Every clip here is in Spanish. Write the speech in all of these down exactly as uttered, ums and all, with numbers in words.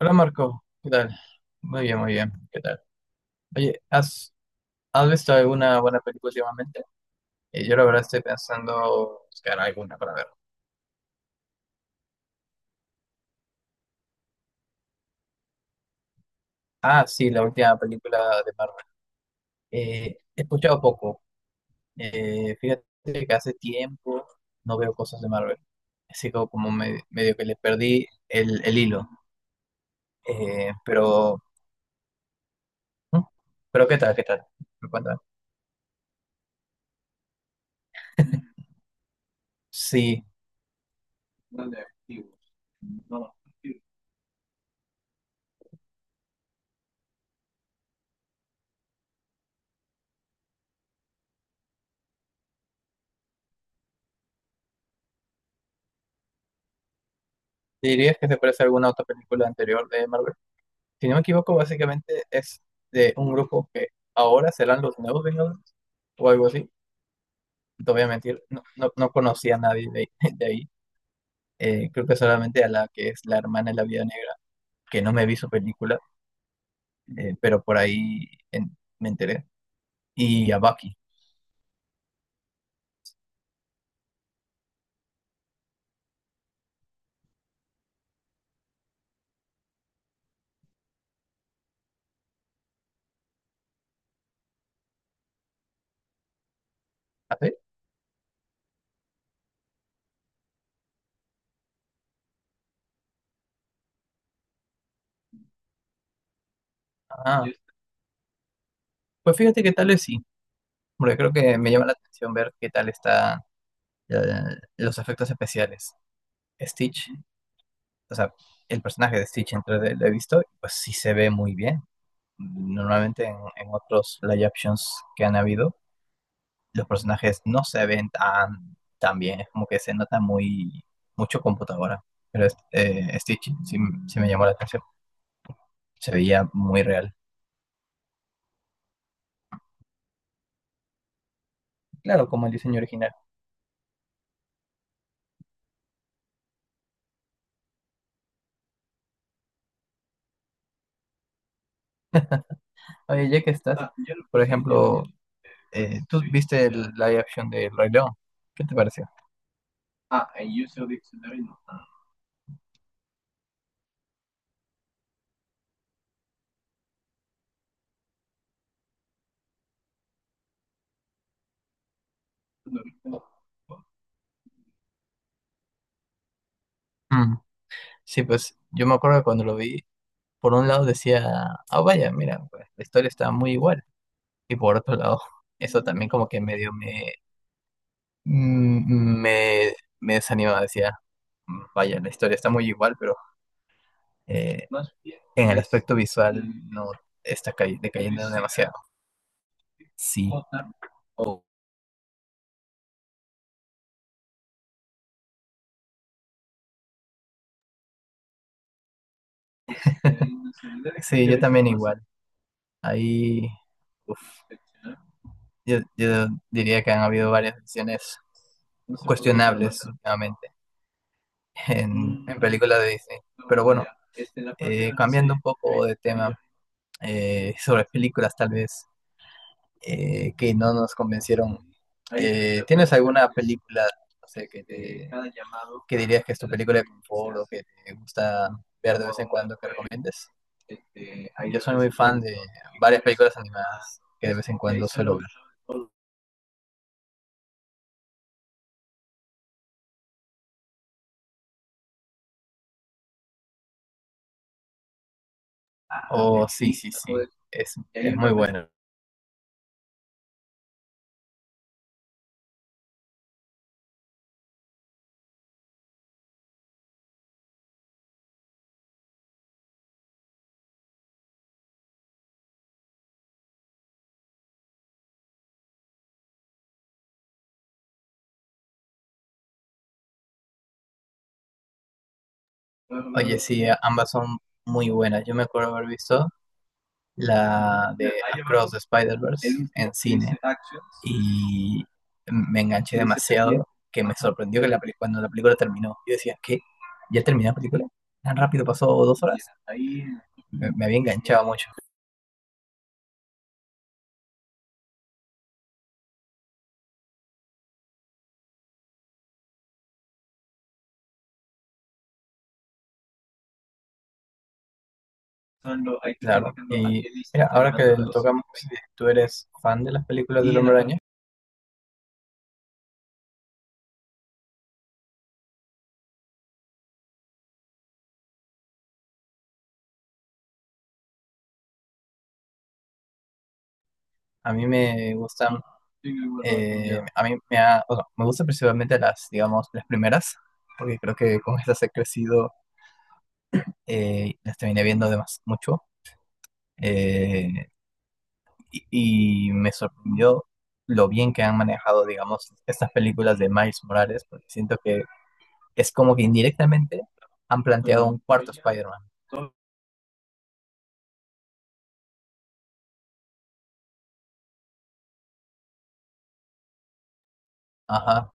Hola Marco, ¿qué tal? Muy bien, muy bien, ¿qué tal? Oye, ¿has, ¿has visto alguna buena película últimamente? Eh, yo la verdad estoy pensando buscar alguna para ver. Ah, sí, la última película de Marvel. Eh, he escuchado poco. Eh, fíjate que hace tiempo no veo cosas de Marvel. Así como, como me- medio que le perdí el, el hilo. Eh, pero, ¿hmm? Pero ¿qué tal? ¿Qué tal? ¿Me cuentas? Sí. ¿Dónde? No. ¿Dirías que se parece a alguna otra película anterior de Marvel? Si no me equivoco, básicamente es de un grupo que ahora serán los nuevos Vengadores o algo así. No te voy a mentir, no, no, no conocía a nadie de, de ahí. Eh, creo que solamente a la que es la hermana de la Vida Negra, que no me vi su película, eh, pero por ahí en- me enteré. Y a Bucky. ¿Ah, sí? Ah, pues fíjate que tal es sí, porque creo que me llama la atención ver qué tal están eh, los efectos especiales. Stitch o sea, el personaje de Stitch entre lo lo he visto, pues sí se ve muy bien. Normalmente en, en otros live actions que han habido, los personajes no se ven tan, tan bien, es como que se nota muy, mucho computadora. Pero es- eh, Stitch sí, sí me llamó la atención, se veía muy real. Claro, como el diseño original. Oye, ya que estás, por ejemplo, eh, tú viste el live action de El Rey León, ¿qué te pareció? Mm, Sí, pues yo me acuerdo que cuando lo vi, por un lado decía, ah, vaya, mira, pues, la historia está muy igual. Y por otro lado, eso también como que medio me, mm, me, me desanimaba, decía, "Mm, vaya, la historia está muy igual, pero eh, en el aspecto visual no está cay- decayendo demasiado". Sí, sí, yo también igual. Ahí yo, yo diría que han habido varias decisiones cuestionables últimamente en, en películas de Disney. Pero bueno, eh, cambiando un poco de tema, eh, sobre películas tal vez eh, que no nos convencieron. Eh, ¿tienes alguna película, no sé, que te, que dirías que es tu película de confort o que te gusta ver de vez en cuando que recomiendes? Yo soy muy fan de varias películas animadas que de vez en cuando suelo ver. Oh, sí, sí, sí, es, es muy bueno. Oye, sí, ambas son muy buenas. Yo me acuerdo haber visto la de Across the Spider-Verse en cine y me enganché demasiado que me sorprendió que la película, cuando la película terminó, yo decía, ¿qué? ¿Ya terminó la película? ¿Tan rápido pasó dos horas? Me, me había enganchado mucho. Claro. Y mira, ahora que lo tocamos, tú eres fan de las películas del Hombre Araña. A mí me gustan, eh, a mí me, ha, o sea, me gustan principalmente las, digamos, las primeras, porque creo que con estas he crecido, eh, las terminé viendo además mucho, eh, y, y me sorprendió lo bien que han manejado, digamos, estas películas de Miles Morales, porque siento que es como que indirectamente han planteado un cuarto Spider-Man. Ajá.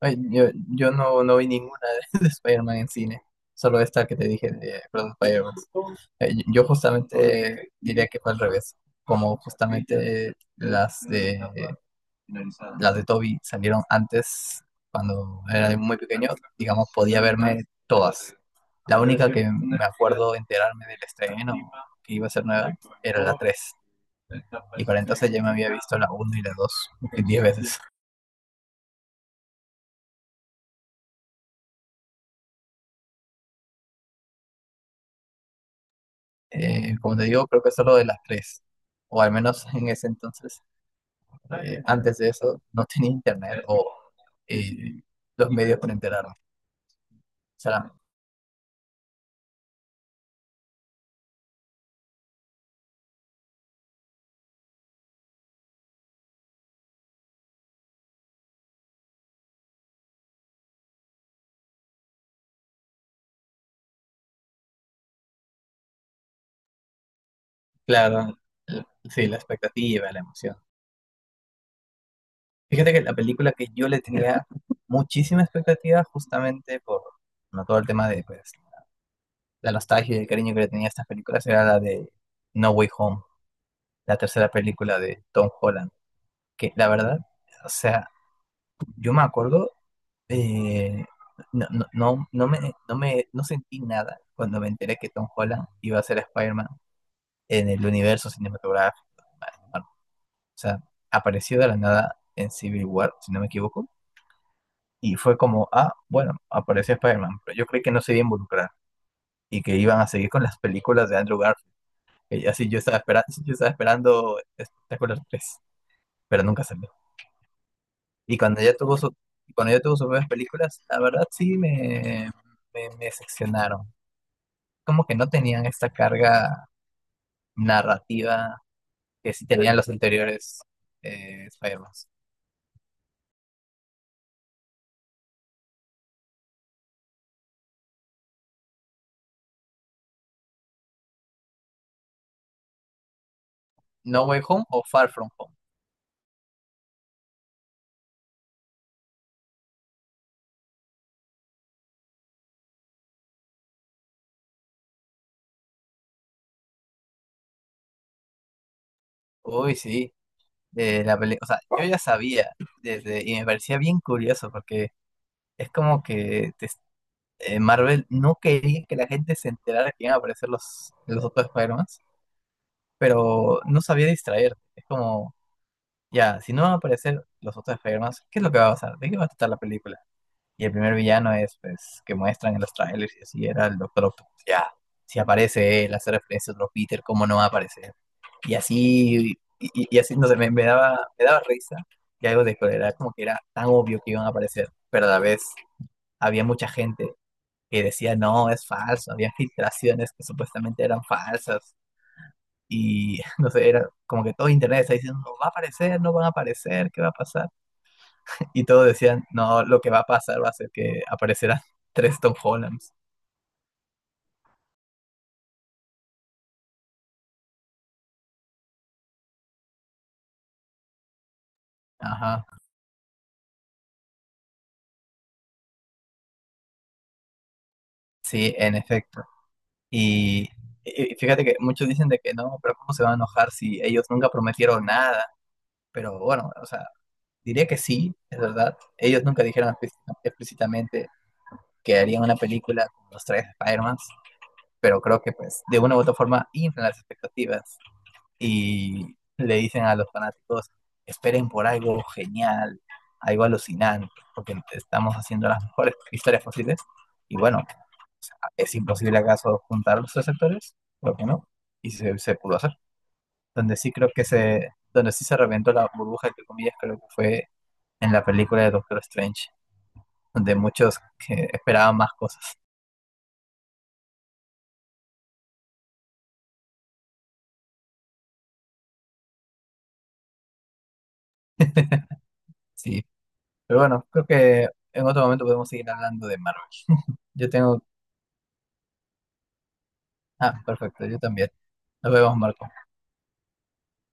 Ay, Yo, yo no, no vi ninguna de, de Spider-Man en cine, solo esta que te dije de Across the Spider-Verse. Eh, yo yo justamente diría que fue al revés, como justamente las de las de Toby salieron antes, cuando era muy pequeño, digamos, podía verme todas. La única que me acuerdo enterarme del estreno, que iba a ser nueva, era la tres. Y para entonces ya me había visto la uno y la dos eh, diez veces. Eh, como te digo, creo que solo de las tres, o al menos en ese entonces, eh, antes de eso no tenía internet o eh, los medios para enterarme. O sea, claro, sí, la expectativa, la emoción. Fíjate que la película que yo le tenía muchísima expectativa justamente por, bueno, todo el tema de pues, la nostalgia y el cariño que le tenía a estas películas era la de No Way Home, la tercera película de Tom Holland, que la verdad, o sea, yo me acuerdo, eh, no, no, no, no me, no me no sentí nada cuando me enteré que Tom Holland iba a ser Spider-Man en el universo cinematográfico. Bueno, o sea, apareció de la nada en Civil War, si no me equivoco. Y fue como, ah, bueno, apareció Spider-Man, pero yo creí que no se iba a involucrar y que iban a seguir con las películas de Andrew Garfield. Y así yo estaba esperando, yo estaba esperando Espectacular tres, pero nunca salió. Y cuando ya tuvo su, cuando ya tuvo sus nuevas películas, la verdad sí me, me, me decepcionaron. Como que no tenían esta carga narrativa que sí tenían los anteriores eh, Spider-Man. ¿No Way Home o Far From Home? Uy, sí. De la peli- o sea, yo ya sabía desde, y me parecía bien curioso porque Es como que te- eh, Marvel no quería que la gente se enterara que iban a aparecer los, los otros Spider-Man, pero no sabía distraer. Es como, ya, si no van a aparecer los otros Spider-Man, ¿qué es lo que va a pasar? ¿De qué va a tratar la película? Y el primer villano es, pues, que muestran en los trailers y así, era el Doctor Octopus. Ya, si aparece él, hace referencia a otro Peter, ¿cómo no va a aparecer? Y así, y, y- y así, no sé, me, me daba, me daba risa y algo de cólera, como que era tan obvio que iban a aparecer, pero a la vez había mucha gente que decía, no, es falso, había filtraciones que supuestamente eran falsas. Y no sé, era como que todo internet está diciendo, no va a aparecer, no van a aparecer, ¿qué va a pasar? Y todos decían, no, lo que va a pasar va a ser que aparecerán tres Tom Hollands. Ajá, sí, en efecto. Y, y fíjate que muchos dicen de que no, pero ¿cómo se van a enojar si ellos nunca prometieron nada? Pero bueno, o sea, diría que sí, es verdad. Ellos nunca dijeron explícita- explícitamente que harían una película con los tres Spider-Mans, pero creo que pues de una u otra forma inflan las expectativas y le dicen a los fanáticos, esperen por algo genial, algo alucinante, porque estamos haciendo las mejores historias posibles. Y bueno, ¿es imposible acaso juntar los tres sectores? Creo que no. Y se, se pudo hacer. Donde sí creo que se, donde sí se reventó la burbuja, entre comillas, creo que fue en la película de Doctor Strange, donde muchos que esperaban más cosas. Sí, pero bueno, creo que en otro momento podemos seguir hablando de Marvel. Yo tengo... Ah, perfecto, yo también. Nos vemos, Marco.